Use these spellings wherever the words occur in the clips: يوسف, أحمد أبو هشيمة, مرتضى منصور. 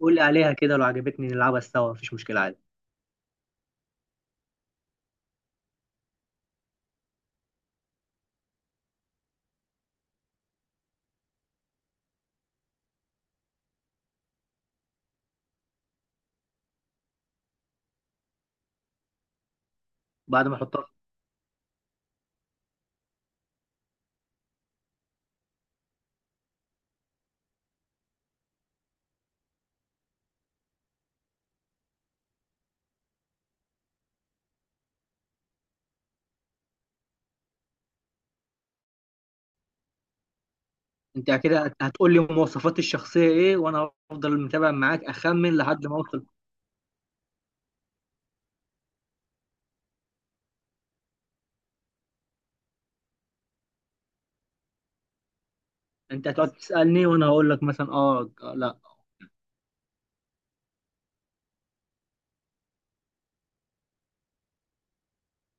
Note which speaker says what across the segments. Speaker 1: قول لي عليها كده، لو عجبتني نلعبها سوا، مفيش مشكلة عادي. بعد ما احطها، انت كده هتقول لي مواصفات الشخصية ايه وانا هفضل متابع معاك اخمن لحد ما اوصل. انت هتقعد تسألني وانا هقول لك مثلا اه، لا.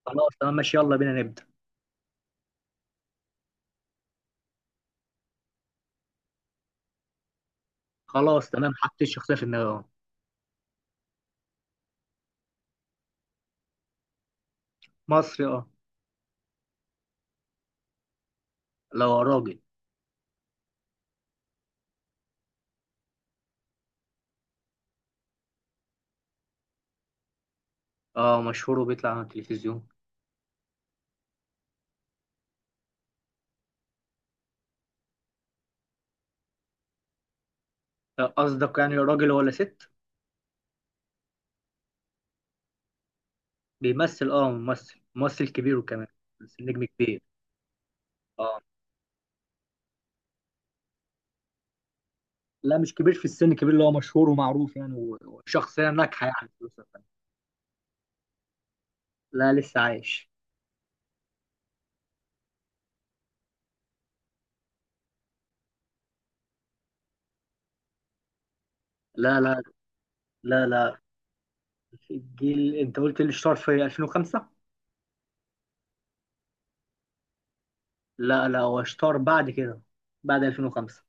Speaker 1: خلاص تمام ماشي، يلا بينا نبدأ. خلاص تمام، حطيت الشخصية في دماغي. اه مصري اه. لو راجل اه مشهور وبيطلع على التلفزيون. قصدك يعني راجل ولا ست؟ بيمثل اه، ممثل ممثل كبير وكمان، بس نجم كبير اه. لا، مش كبير في السن، كبير اللي هو مشهور ومعروف يعني، وشخصية ناجحة يعني في وسط الفن. لا لسه عايش. لا لا. لا. الجيل انت قلت اللي اشتهر في 2005. لا، هو اشتهر بعد كده، بعد 2005.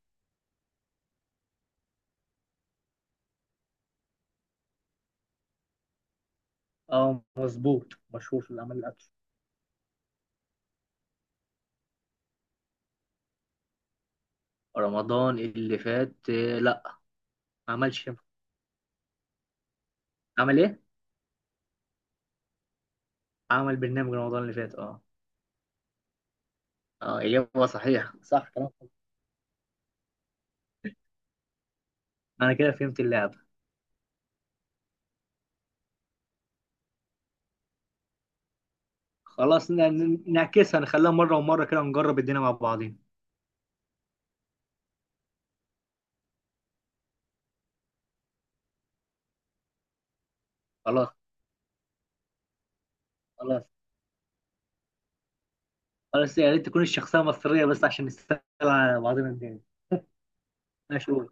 Speaker 1: اه مظبوط، مشهور في الأعمال الأكشن. رمضان اللي فات، لا. ما عملش. عمل ايه؟ عمل برنامج رمضان اللي فات اه. اه، إجابة صحيحة، صح كلام. أنا كده فهمت اللعبة. خلاص نعكسها، نخليها مرة ومرة، كده نجرب الدنيا مع بعضين. خلاص. خلاص. بس يا ريت تكون الشخصية مصرية بس، عشان نستغل على بعضنا تاني. ماشي قول.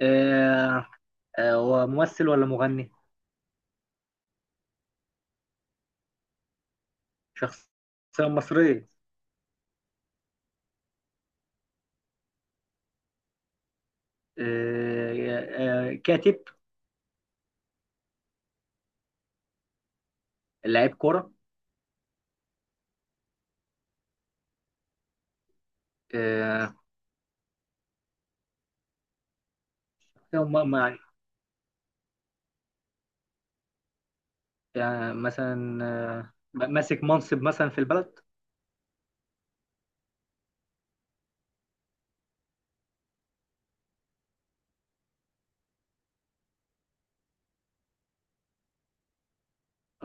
Speaker 1: آه. آه هو ممثل ولا مغني؟ شخصية مصرية. آه، آه كاتب. لاعب كورة. آه. هم- ما- يعني مثلا آه ماسك منصب مثلا في البلد.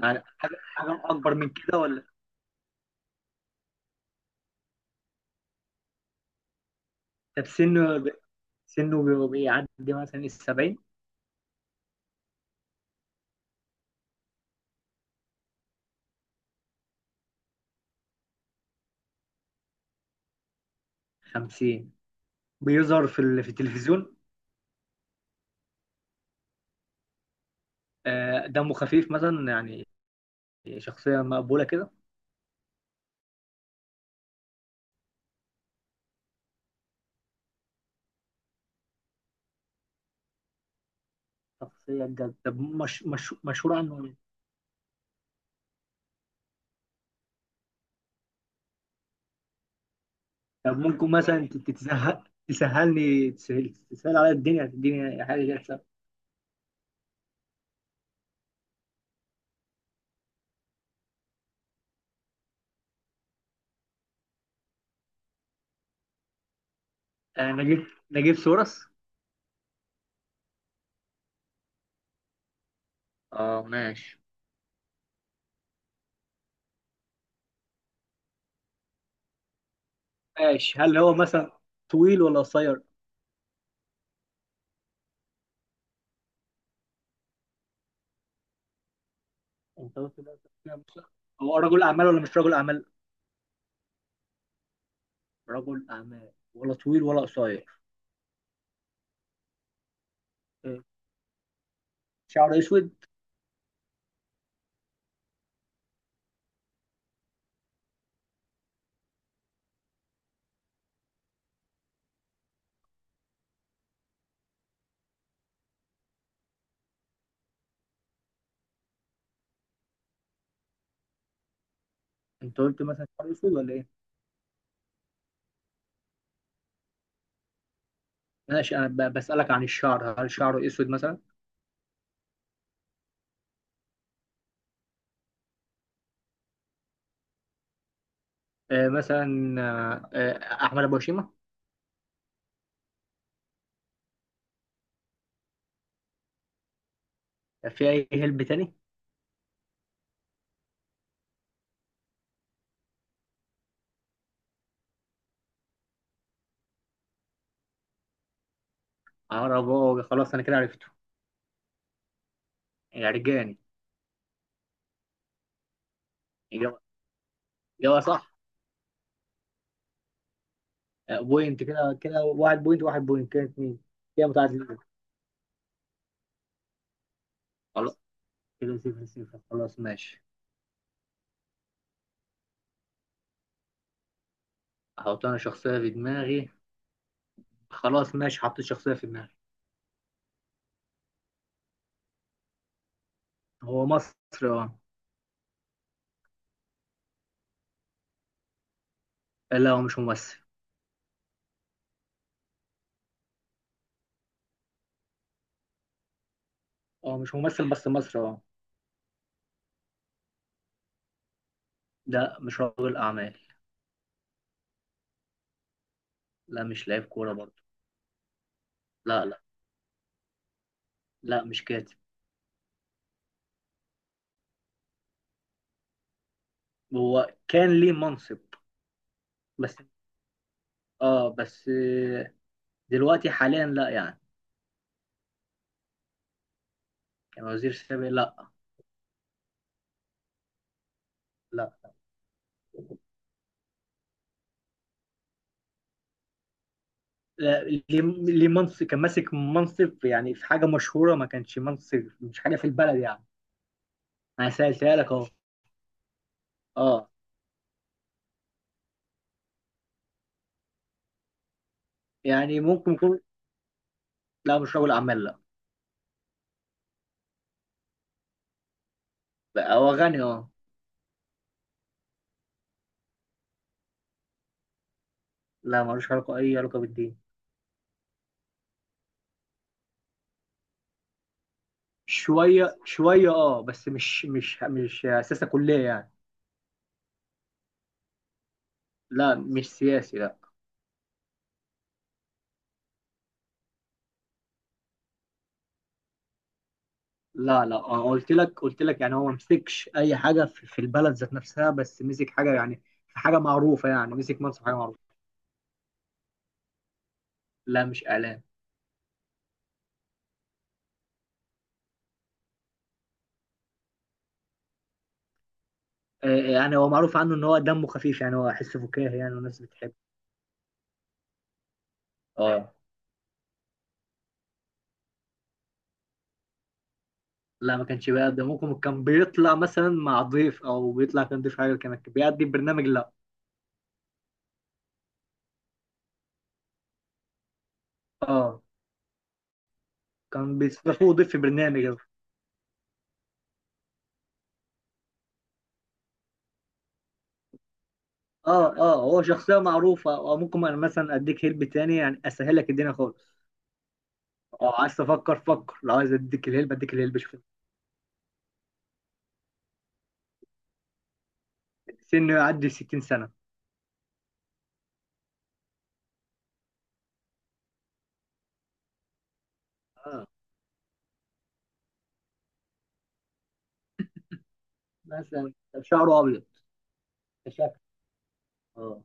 Speaker 1: يعني حاجة حاجة أكبر من كده ولا؟ طب سنه، سنه بيعدي مثلا 70. 50. بيظهر في في التلفزيون. آه دمه خفيف مثلا يعني. شخصية مقبولة كده. شخصية بجد، طب مش مشهور عنه ايه؟ طب ممكن مثلا تتسهل، تسهلني، تسهل عليا الدنيا، تديني حاجة كده تسهل. آه، نجيب نجيب سورس. اه ماشي. ماشي، هل هو مثلا طويل ولا قصير؟ انت قلت بقى كده صح. هو رجل أعمال ولا مش رجل أعمال؟ رجل أعمال، ولا طويل ولا قصير. إيه. شعره أسود. انت قلت مثلا شعره أسود ولا إيه؟ ماشي، أنا بسألك عن الشعر، هل شعره أسود مثلا؟ آه مثلا، آه أحمد أبو هشيمة. في أي هلب تاني؟ عرباوي، خلاص انا كده عرفته. عرجاني. اجابه. اجابه صح. آه، بوينت كده، كده، واحد بوينت، واحد بوينت كده اتنين. كده متعادلين، خلاص، كده صفر صفر. خلاص ماشي. احط انا شخصيه في دماغي. خلاص ماشي، حطيت شخصيه في دماغي. هو مصري اه. لا هو مش ممثل. هو مش ممثل بس مصري اه. لا مش رجل اعمال. لا مش لاعب كوره برضه. لا. لا مش كاتب. هو كان ليه منصب بس. اه بس دلوقتي حاليا لا يعني. كان وزير سابق لا. لا. ليه منصب، كان ماسك منصب يعني في حاجه مشهوره، ما كانش منصب مش حاجه في البلد يعني. انا سالتها لك اهو. اه يعني ممكن يكون. لا مش رجل اعمال لا. بقى هو غني اه. لا ملوش علاقه، اي علاقه بالدين. شويه شويه اه، بس مش مش سياسه كليه يعني. لا مش سياسي لا. لا لا، قلت لك يعني هو ما مسكش اي حاجه في البلد ذات نفسها، بس مسك حاجه يعني في حاجه معروفه يعني، مسك منصب حاجه معروفه. لا مش اعلام. آه، يعني هو معروف عنه ان هو دمه خفيف يعني، هو حس فكاهي يعني والناس بتحبه. اه لا، ما كانش بيقدم، ممكن كان بيطلع مثلا مع ضيف، او بيطلع كان ضيف حاجه، كان بيقدم برنامج لا. اه كان بيستضيفوه ضيف في برنامج. اه. اه هو شخصيه معروفه، او ممكن انا مثلا اديك هلب تاني، يعني اسهلك الدنيا خالص. اه عايز تفكر فكر، لو عايز اديك الهلب اديك الهلب، شوف. سنه يعدي 60 سنه. اه مثلا شعره ابيض. شكله اه.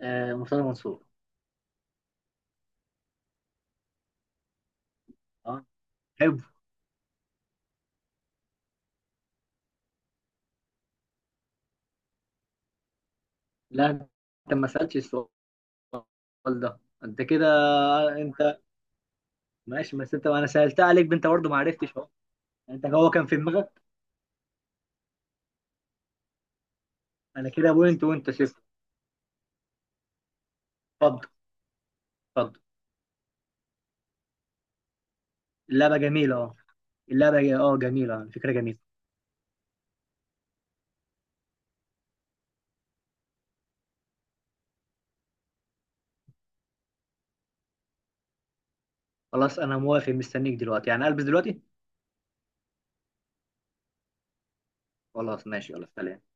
Speaker 1: آه، مرتضى منصور. اه حلو. لا انت ما سالتش السؤال ده. انت كده، انت ماشي، بس انت، انا سألتها عليك انت برضه ما عرفتش اهو. انت هو كان في دماغك. انا كده بوينت وانت صفر. اتفضل. اتفضل. اللعبه جميله اه. اه جميله، فكره جميله. خلاص انا موافق، مستنيك دلوقتي يعني، البس دلوقتي. خلاص ماشي، يلا سلام.